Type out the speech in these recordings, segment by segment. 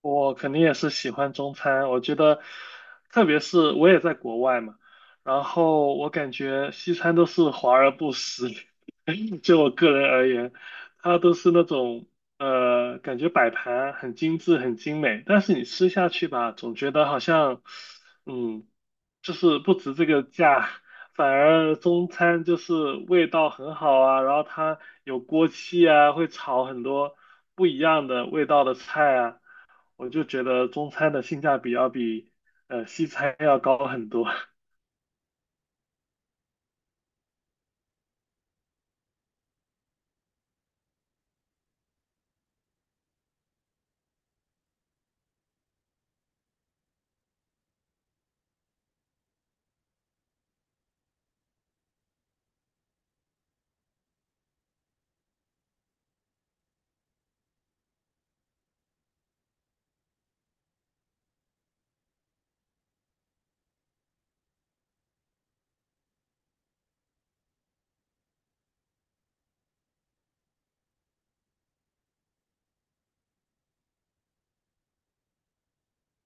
我肯定也是喜欢中餐，我觉得，特别是我也在国外嘛，然后我感觉西餐都是华而不实，就我个人而言，它都是那种感觉摆盘很精致、很精美，但是你吃下去吧，总觉得好像，嗯，就是不值这个价，反而中餐就是味道很好啊，然后它有锅气啊，会炒很多不一样的味道的菜啊。我就觉得中餐的性价比要比西餐要高很多。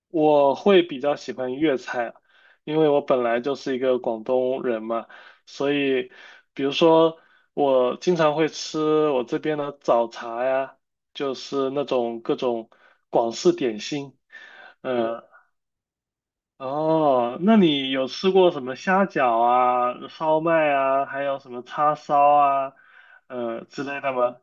我会比较喜欢粤菜，因为我本来就是一个广东人嘛，所以比如说我经常会吃我这边的早茶呀，就是那种各种广式点心。呃，哦，那你有吃过什么虾饺啊、烧麦啊，还有什么叉烧啊，之类的吗？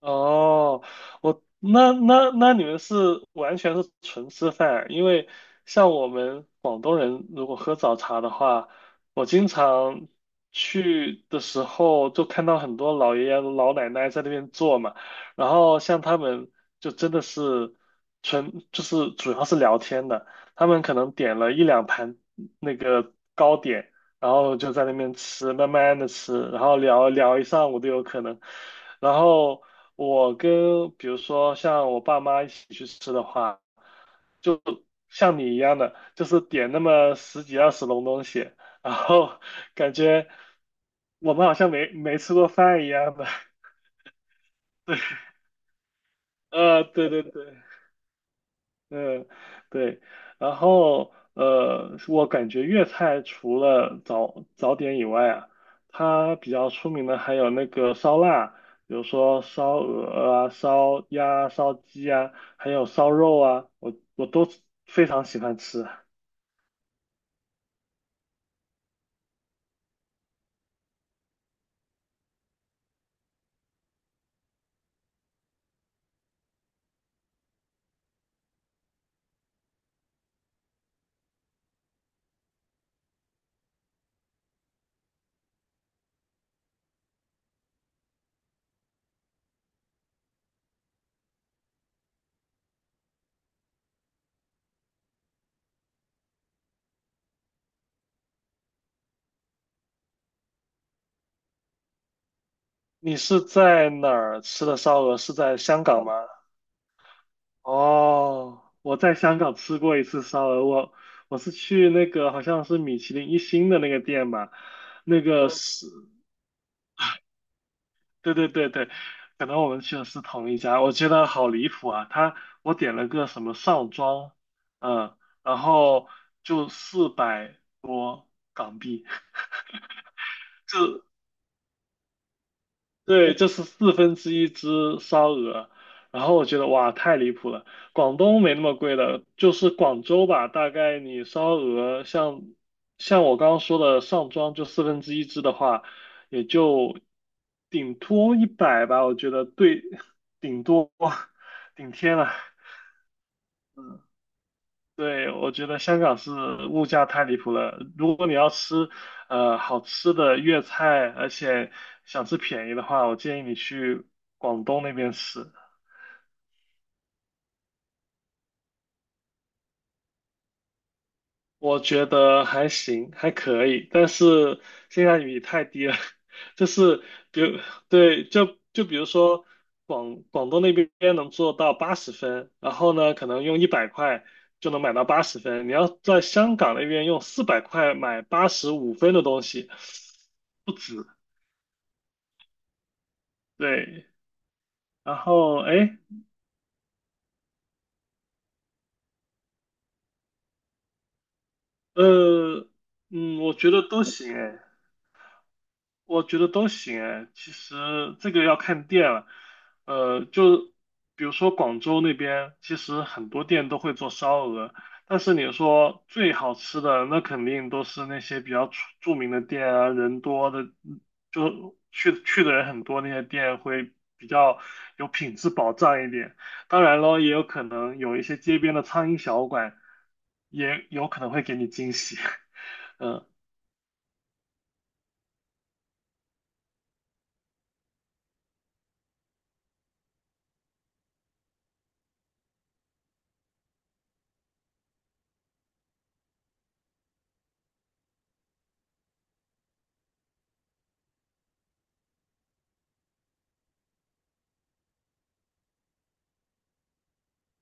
哦，我那你们是完全是纯吃饭，因为像我们广东人如果喝早茶的话，我经常去的时候就看到很多老爷爷老奶奶在那边坐嘛，然后像他们就真的是纯就是主要是聊天的，他们可能点了一两盘那个糕点，然后就在那边吃，慢慢的吃，然后聊聊一上午都有可能。然后我跟比如说像我爸妈一起去吃的话，就像你一样的，就是点那么十几二十笼东西，然后感觉我们好像没吃过饭一样的。对对对。嗯，对，然后我感觉粤菜除了早点以外啊，它比较出名的还有那个烧腊，比如说烧鹅啊、烧鸭啊、烧鸡啊，还有烧肉啊，我都非常喜欢吃。你是在哪儿吃的烧鹅？是在香港吗？哦，我在香港吃过一次烧鹅，我是去那个好像是米其林一星的那个店吧。那个嗯是对对对对，可能我们去的是同一家，我觉得好离谱啊！我点了个什么上庄，嗯，然后就400多港币，对，这是四分之一只烧鹅，然后我觉得哇，太离谱了。广东没那么贵的，就是广州吧，大概你烧鹅像我刚刚说的上庄就四分之一只的话，也就顶多一百吧，我觉得对，顶多，顶天了。对，我觉得香港是物价太离谱了。如果你要吃好吃的粤菜，而且想吃便宜的话，我建议你去广东那边吃。我觉得还行，还可以，但是性价比太低了。就是比如，对，就比如说广东那边能做到八十分，然后呢，可能用100块就能买到八十分。你要在香港那边用400块买85分的东西，不止。对，然后哎，诶呃，我觉得都行哎。我觉得都行哎，其实这个要看店了，就比如说广州那边，其实很多店都会做烧鹅，但是你说最好吃的，那肯定都是那些比较著名的店啊，人多的，就去的人很多那些店会比较有品质保障一点。当然咯，也有可能有一些街边的苍蝇小馆，也有可能会给你惊喜。嗯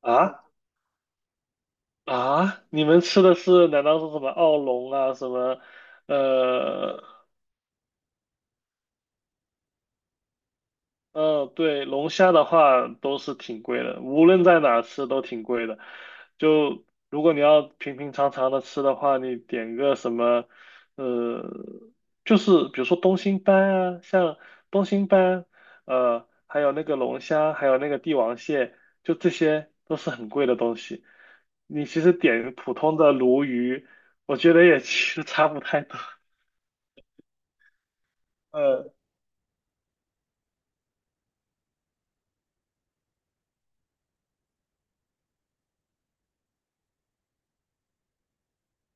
啊？啊，你们吃的是难道是什么奥龙啊，什么呃嗯，对，龙虾的话都是挺贵的，无论在哪吃都挺贵的。就如果你要平平常常的吃的话，你点个什么，呃，就是比如说东星斑啊，像东星斑，还有那个龙虾，还有那个帝王蟹，就这些都是很贵的东西。你其实点普通的鲈鱼，我觉得也 其实差不太多。呃，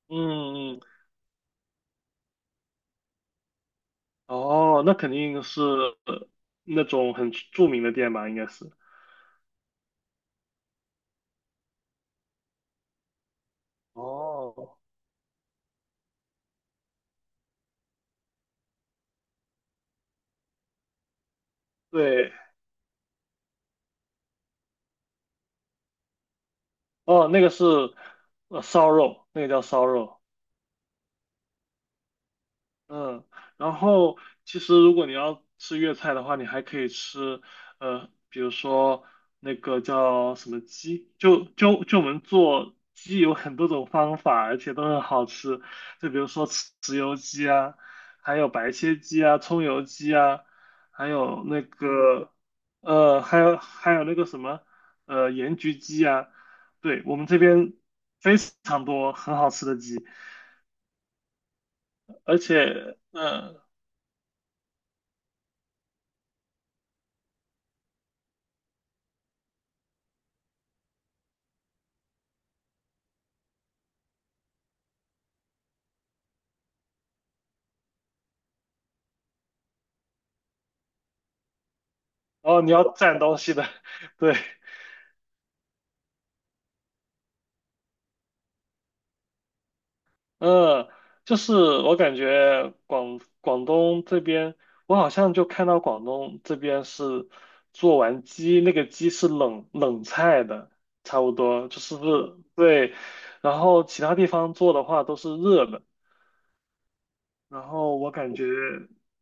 嗯哦，那肯定是呃那种很著名的店吧，应该是。哦，对，哦，那个是烧肉，那个叫烧肉。嗯，然后其实如果你要吃粤菜的话，你还可以吃，比如说那个叫什么鸡，就我们做鸡有很多种方法，而且都很好吃。就比如说豉油鸡啊，还有白切鸡啊，葱油鸡啊，还有那个呃，还有还有那个什么呃盐焗鸡啊，对，我们这边非常多很好吃的鸡。而且，哦，你要蘸东西的，对，嗯，就是我感觉广东这边，我好像就看到广东这边是做完鸡，那个鸡是冷菜的，差不多就是不是对，然后其他地方做的话都是热的。然后我感觉，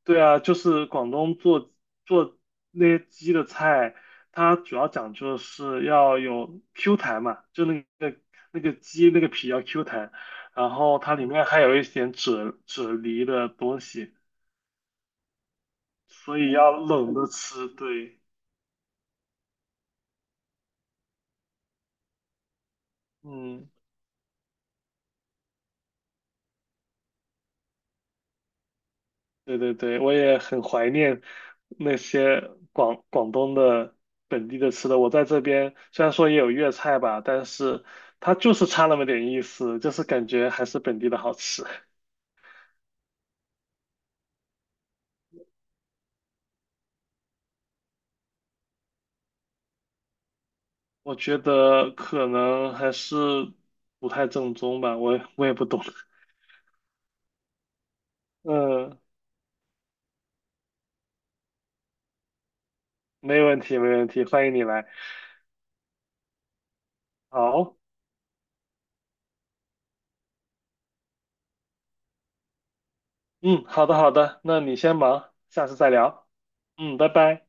对啊，就是广东做那些鸡的菜，它主要讲究的是要有 Q 弹嘛，就那个鸡那个皮要 Q 弹，然后它里面还有一点啫喱的东西，所以要冷着吃。对，嗯，对对对，我也很怀念那些广东的本地的吃的。我在这边虽然说也有粤菜吧，但是它就是差那么点意思，就是感觉还是本地的好吃。我觉得可能还是不太正宗吧，我也不懂。嗯，没问题，没问题，欢迎你来。好，嗯，好的好的，那你先忙，下次再聊。嗯，拜拜。